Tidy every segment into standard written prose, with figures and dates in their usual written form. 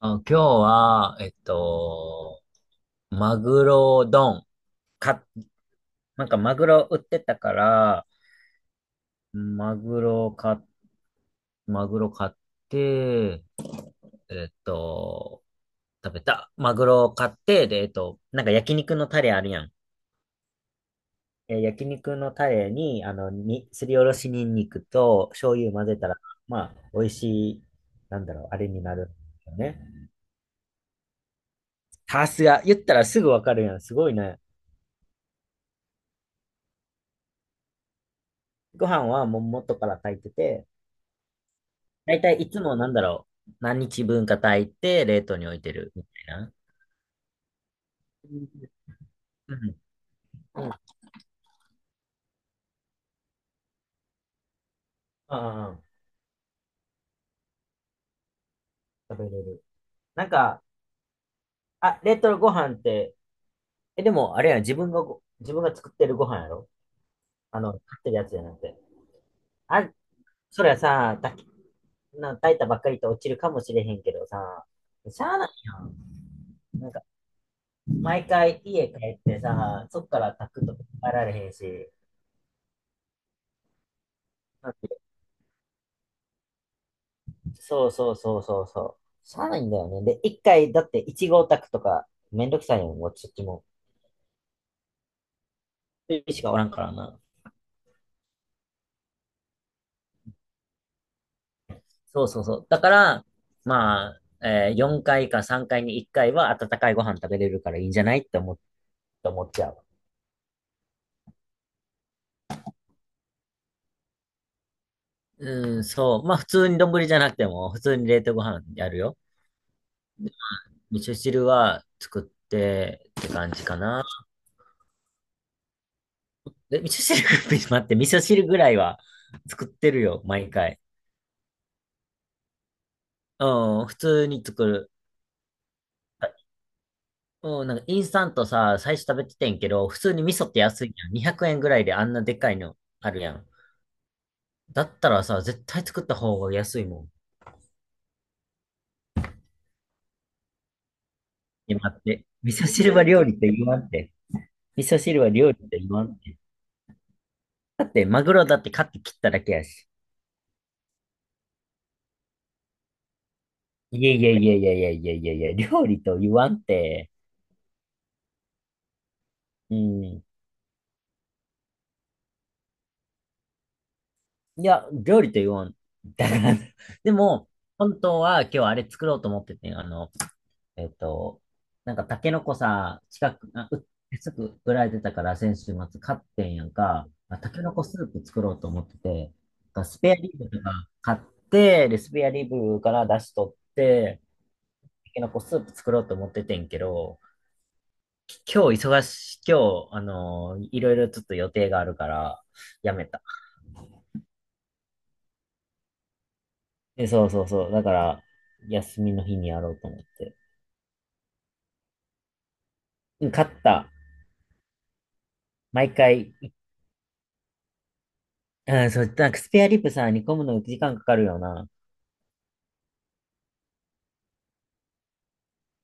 あ、今日は、マグロ丼。か、なんかマグロ売ってたから、マグロ買っ、マグロ買って、えっと、食べた。マグロを買って、で、なんか焼肉のタレあるやん。え、焼肉のタレに、すりおろしニンニクと醤油混ぜたら、まあ、美味しい、なんだろう、あれになるよね。さすが、言ったらすぐわかるやん。すごいね。ご飯はもう元から炊いてて、だいたいいつもなんだろう、何日分か炊いて冷凍に置いてるみたいな。うん。うん。ああ、食べれる。なんか、あ、冷凍ご飯って、え、でも、あれやん、自分が作ってるご飯やろ。あの、買ってるやつじゃなくて。あ、そりゃさ、炊き、な、炊いたばっかりと落ちるかもしれへんけどさ、しゃあないやん。なんか、毎回家帰ってさ、そっから炊くとか帰られへんし、そうそうそうそうそう。しゃあないんだよね。で、一回、だって1号宅とかめんどくさいよ、もうそっちも。一人しかおらんからな。そうそうそう。だから、まあ、え4回か3回に1回は温かいご飯食べれるからいいんじゃないってって思っちゃう。うん、そう。まあ普通に丼じゃなくても、普通に冷凍ご飯やるよ。味噌汁は作ってって感じかな。で、味噌汁、待って、味噌汁ぐらいは作ってるよ、毎回。うん、普通に作る。うん、なんかインスタントさ、最初食べててんけど、普通に味噌って安いやん。200円ぐらいであんなでっかいのあるやん。だったらさ、絶対作った方が安いもん。え、待って。味噌汁は料理って言わんって。味噌汁は料理って言わんって。だって、マグロだって買って切っただけやし。いやいやいやいやいやいやいやいや、料理と言わんって。うん。いや、料理と言わん。だから、でも、本当は今日あれ作ろうと思っててん。あの、えっと、なんかタケノコさ、近く、あ、う、すぐ売られてたから先週末買ってんやんか、あ、タケノコスープ作ろうと思ってて、なんかスペアリブとか買って、で、スペアリブから出し取って、タケノコスープ作ろうと思っててんけど、今日、あのーいろいろちょっと予定があるから、やめた。え、そうそうそう。だから、休みの日にやろうと思って。うん買った。毎回、うん、そう、なんかスペアリブさ、煮込むの時間かかるよな。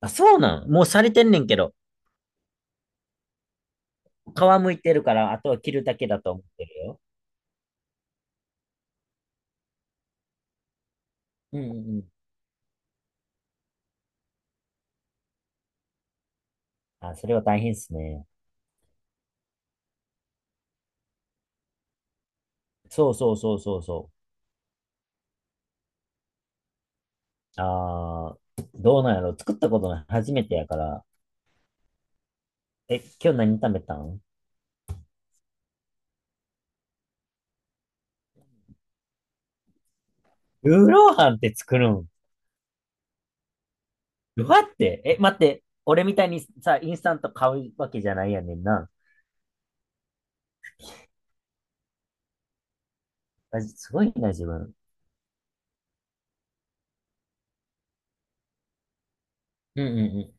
あ、そうなんもうされてんねんけど、皮むいてるから、あとは切るだけだと思ってるよ。うんうんうん。あ、それは大変っすね。そうそうそうそうそう。あー、どうなんやろ作ったことない。初めてやから。え、今日何食べたん？ルーローハンって作るん？どうやって？え、待って。俺みたいにさ、インスタント買うわけじゃないやねんな。あすごいな、自分。うんう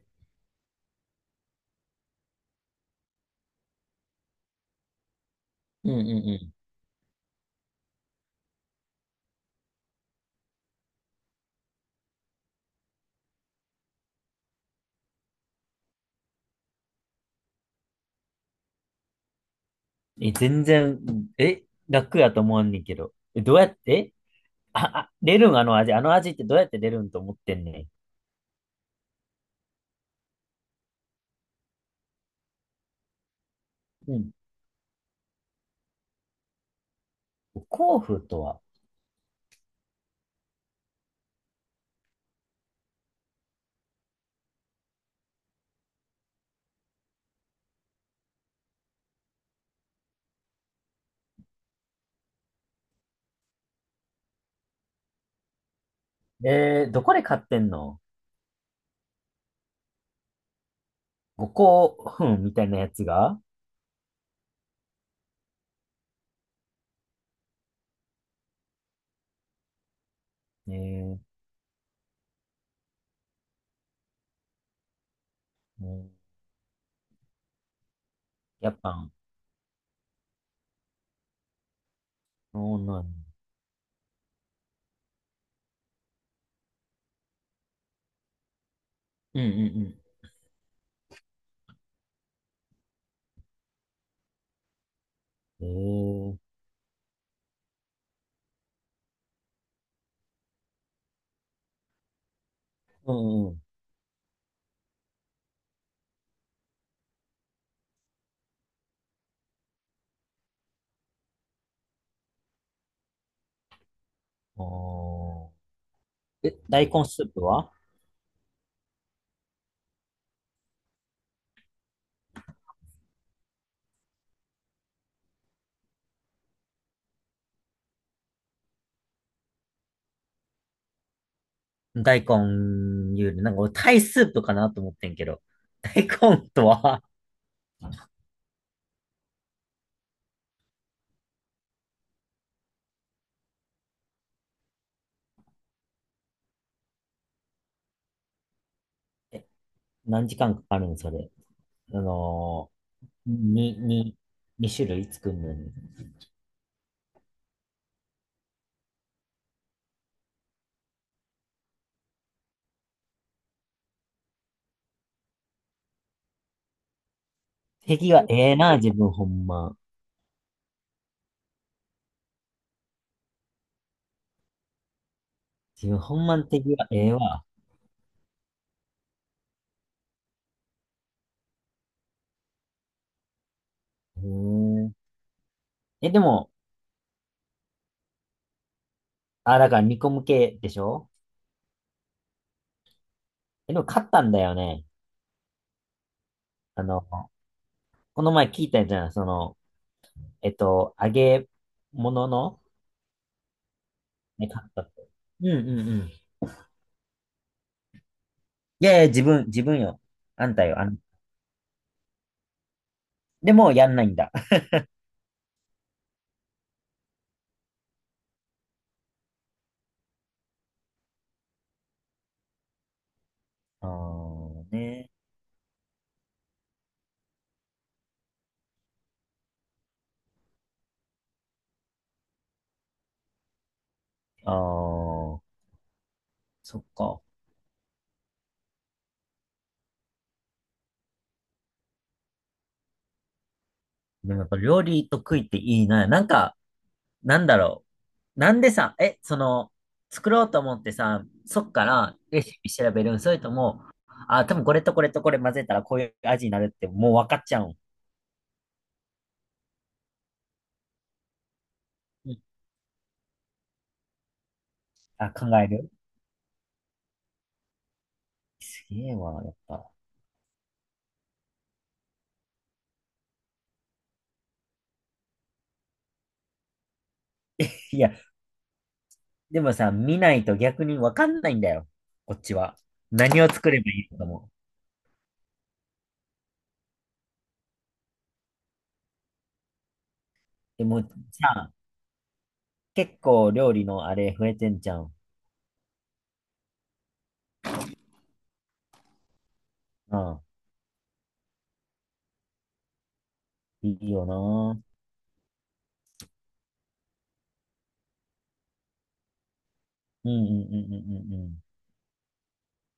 んうん。うんうんうん。え、全然、え、楽やと思わんねんけど。え、どうやって？あ、あレルンあの味、あの味ってどうやってレルンと思ってんねん。うん。五香粉とは？えー、どこで買ってんの？五香粉みたいなやつが？えー、うん。やっぱ、そうなん？うんうんうん。えー、うんうん。おーえ、大根スープは？大根ゆで、なんか俺タイスープかなと思ってんけど。大根とは？え、何時間かかるんそれ。あのー、二種類作るのに。敵はええな、自分ほんま。自分ほんまの敵はええわ。へえ。え、でも、あ、だから煮込む系でしょ？え、でも勝ったんだよね。あの、この前聞いたじゃん。その、揚げ物の、ね、勝ったって。うんうんうん。いやいや、自分よ。あんたよ。あん、でも、やんないんだ。あーね。あー、そっか。でもやっぱ料理と食いっていいな。なんか、なんだろう。なんでさ、え、その、作ろうと思ってさ、そっからレシピ調べるん？それとも、あ、多分これとこれとこれ混ぜたらこういう味になるってもう分かっちゃうん？うん。あ、考える。すげえわ、やっぱ。いや、でもさ、見ないと逆に分かんないんだよ。こっちは。何を作ればいいのかも。でもさ、結構料理のあれ増えてんじゃん。うん。いいよな。うんうんうんうんうん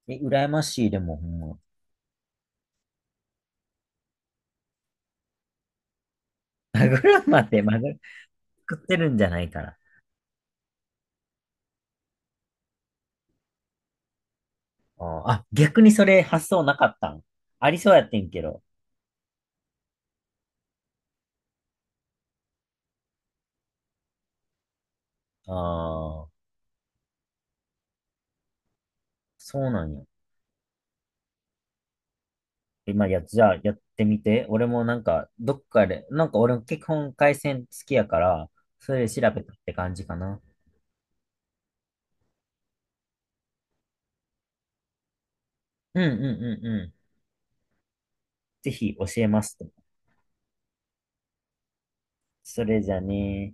うん。え、羨ましい、でもほんま。マグロまで、マグ作ってるんじゃないかな。あーあ、逆にそれ発想なかったん？ありそうやってんけど。ああ、そうなんや。今や、じゃあやってみて。俺もなんか、どっかで、なんか俺も結婚回線好きやから、それで調べたって感じかな。うんうんうんうん。ぜひ教えますと。それじゃね。